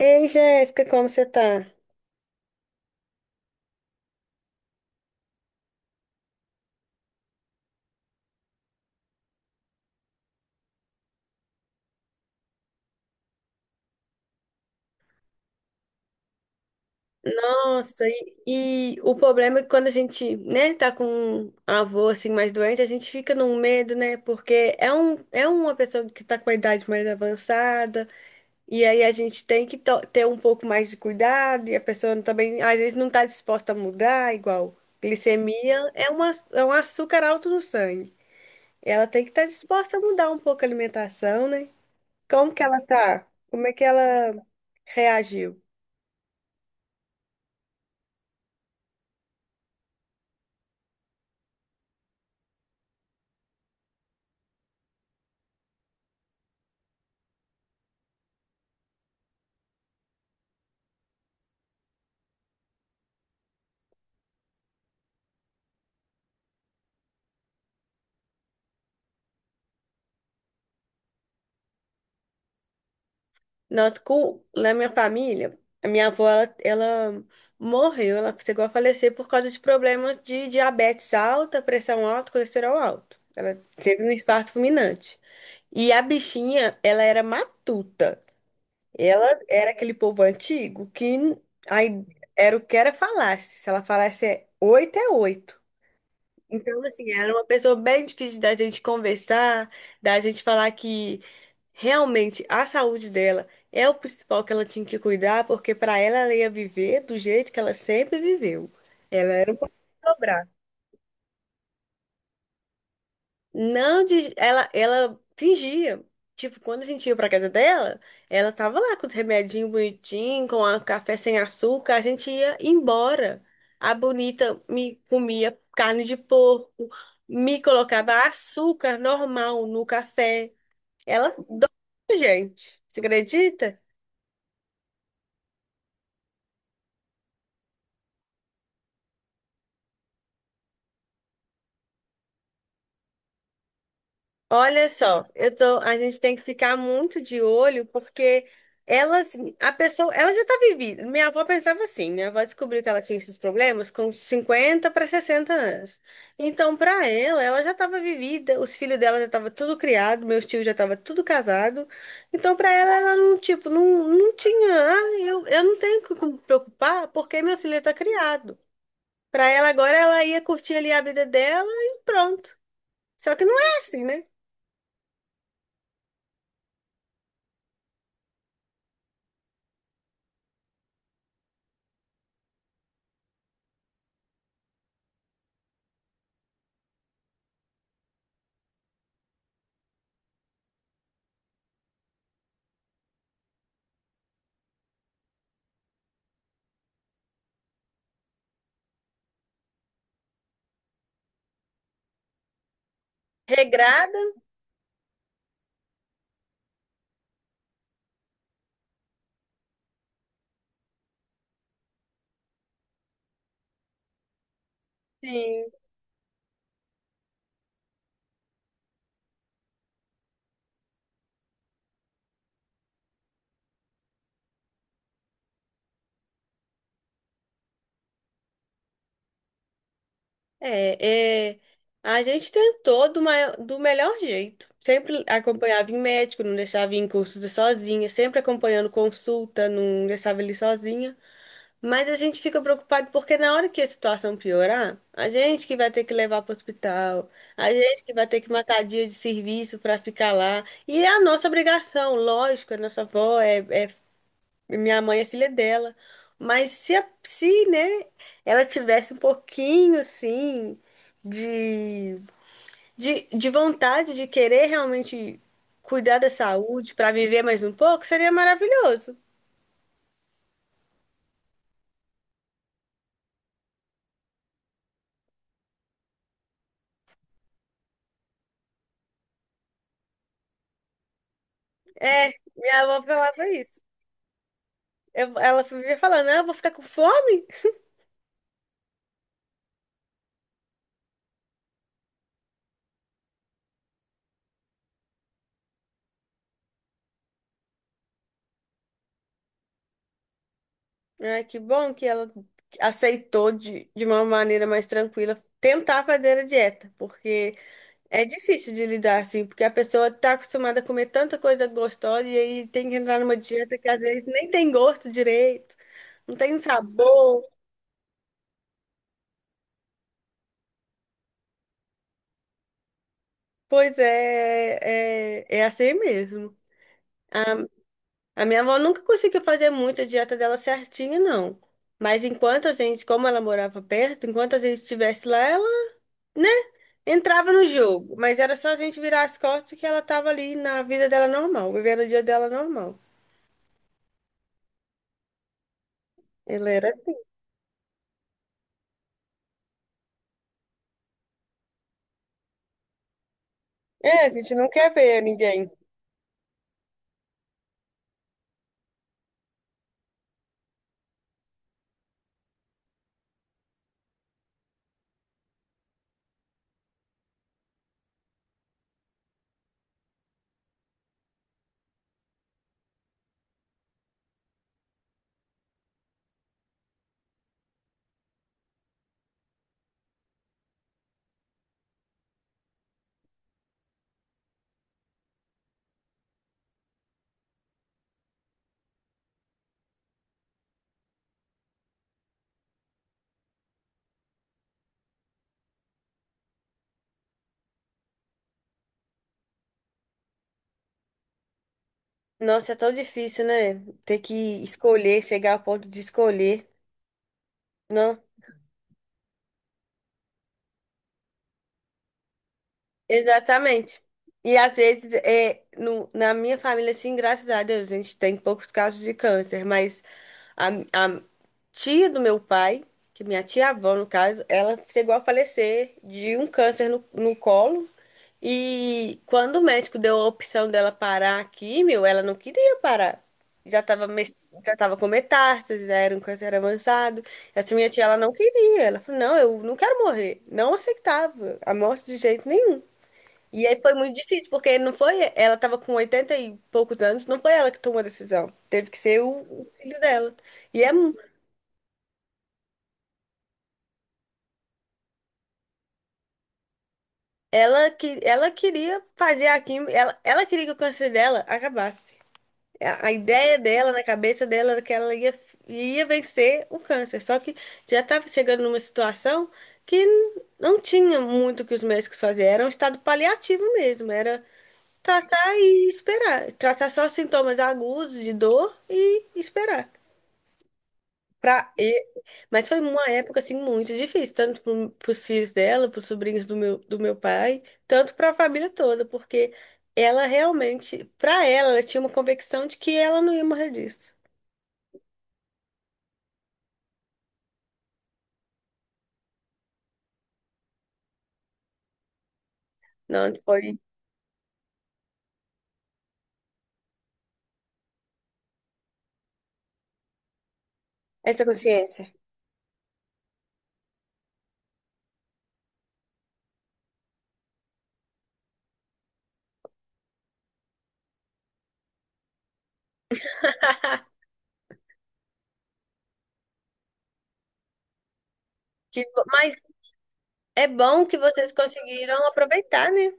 Ei, Jéssica, como você tá? Nossa, o problema é que quando a gente, né, tá com um avô assim mais doente, a gente fica num medo, né? Porque é uma pessoa que tá com a idade mais avançada, e aí a gente tem que ter um pouco mais de cuidado, e a pessoa também às vezes não tá disposta a mudar, igual glicemia é um açúcar alto no sangue. Ela tem que estar disposta a mudar um pouco a alimentação, né? Como que ela tá? Como é que ela reagiu? Noto com, na minha família, a minha avó, ela morreu, ela chegou a falecer por causa de problemas de diabetes alta, pressão alta, colesterol alto. Ela teve um infarto fulminante. E a bichinha, ela era matuta. Ela era aquele povo antigo que aí era o que era falasse. Se ela falasse é oito, é oito. Então, assim, ela era uma pessoa bem difícil da gente conversar, da gente falar que realmente, a saúde dela é o principal que ela tinha que cuidar, porque para ela, ela ia viver do jeito que ela sempre viveu. Ela era um pouco dobrar. Não, ela, ela fingia. Tipo, quando a gente ia pra casa dela, ela tava lá com os remedinhos bonitinhos, com a café sem açúcar, a gente ia embora. A bonita me comia carne de porco, me colocava açúcar normal no café. Ela dó, gente. Você acredita? Olha só, eu tô, a gente tem que ficar muito de olho porque elas, a pessoa, ela já tá vivida. Minha avó pensava assim, minha avó descobriu que ela tinha esses problemas com 50 para 60 anos. Então, para ela, ela já estava vivida, os filhos dela já estavam tudo criado, meus tios já estavam tudo casado. Então, para ela, ela não, tipo, não tinha, ah, eu não tenho que me preocupar porque meu filho tá criado. Para ela agora, ela ia curtir ali a vida dela e pronto. Só que não é assim, né? Regrada. Sim, é, é, a gente tentou do, do melhor jeito. Sempre acompanhava em médico, não deixava ir em consulta sozinha, sempre acompanhando consulta, não deixava ele sozinha. Mas a gente fica preocupado porque na hora que a situação piorar, a gente que vai ter que levar para o hospital, a gente que vai ter que matar dia de serviço para ficar lá. E é a nossa obrigação, lógico, a nossa avó é, é minha mãe é filha dela. Mas se, se, né, ela tivesse um pouquinho, assim, de, de vontade de querer realmente cuidar da saúde para viver mais um pouco, seria maravilhoso. É, minha avó falava isso. Ela vivia falando, não, eu vou ficar com fome. Ai, que bom que ela aceitou de uma maneira mais tranquila tentar fazer a dieta, porque é difícil de lidar, assim, porque a pessoa tá acostumada a comer tanta coisa gostosa e aí tem que entrar numa dieta que às vezes nem tem gosto direito, não tem um sabor. Pois é, é, é assim mesmo. A minha avó nunca conseguiu fazer muito a dieta dela certinha, não. Mas enquanto a gente, como ela morava perto, enquanto a gente estivesse lá, ela, né, entrava no jogo. Mas era só a gente virar as costas que ela tava ali na vida dela normal, vivendo o dia dela normal. Ela era. É, a gente não quer ver ninguém. Nossa, é tão difícil, né? Ter que escolher, chegar ao ponto de escolher. Exatamente. E às vezes, é, no, na minha família, assim, graças a Deus, a gente tem poucos casos de câncer, mas a, a tia do meu pai, que minha tia-avó, no caso, ela chegou a falecer de um câncer no colo. E quando o médico deu a opção dela parar a químio, ela não queria parar. Já estava, já tava com metástase, já era um câncer avançado. Essa minha tia, ela não queria. Ela falou, não, eu não quero morrer. Não aceitava a morte de jeito nenhum. E aí foi muito difícil, porque não foi, ela tava com 80 e poucos anos, não foi ela que tomou a decisão. Teve que ser o filho dela. E é, ela que ela queria fazer a quimio, ela queria que o câncer dela acabasse. A ideia dela, na cabeça dela, era que ela ia, ia vencer o câncer. Só que já estava chegando numa situação que não tinha muito o que os médicos faziam. Era um estado paliativo mesmo, era tratar e esperar. Tratar só sintomas agudos de dor e esperar. Pra... e- Mas foi uma época assim muito difícil, tanto pros filhos dela, pros sobrinhos do meu pai, tanto pra família toda, porque ela realmente, pra ela, ela tinha uma convicção de que ela não ia morrer disso. Não foi essa consciência. Mas é bom que vocês conseguiram aproveitar, né?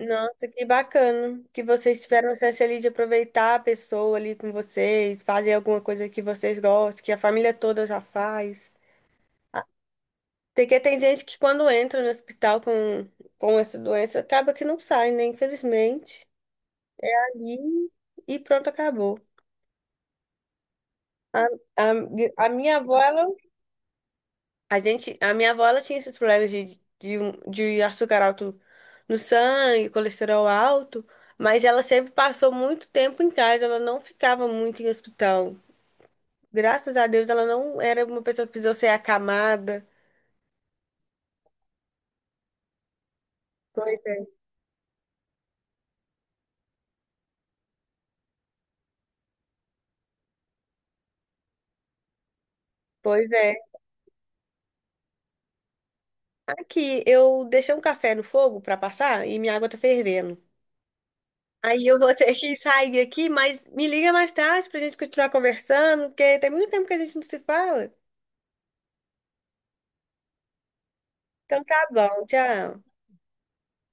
Nossa, que bacana que vocês tiveram a chance ali de aproveitar a pessoa ali com vocês, fazer alguma coisa que vocês gostem, que a família toda já faz. Porque tem gente que quando entra no hospital com essa doença, acaba que não sai, né? Infelizmente. Ali e pronto, acabou. A, a minha avó, ela, a minha avó, ela tinha esses problemas de açúcar alto no sangue, colesterol alto, mas ela sempre passou muito tempo em casa, ela não ficava muito em hospital. Graças a Deus, ela não era uma pessoa que precisou ser acamada. Pois é. Pois é. Aqui, eu deixei um café no fogo pra passar e minha água tá fervendo. Aí eu vou ter que sair aqui, mas me liga mais tarde pra gente continuar conversando, porque tem muito tempo que a gente não se fala. Então tá bom, tchau.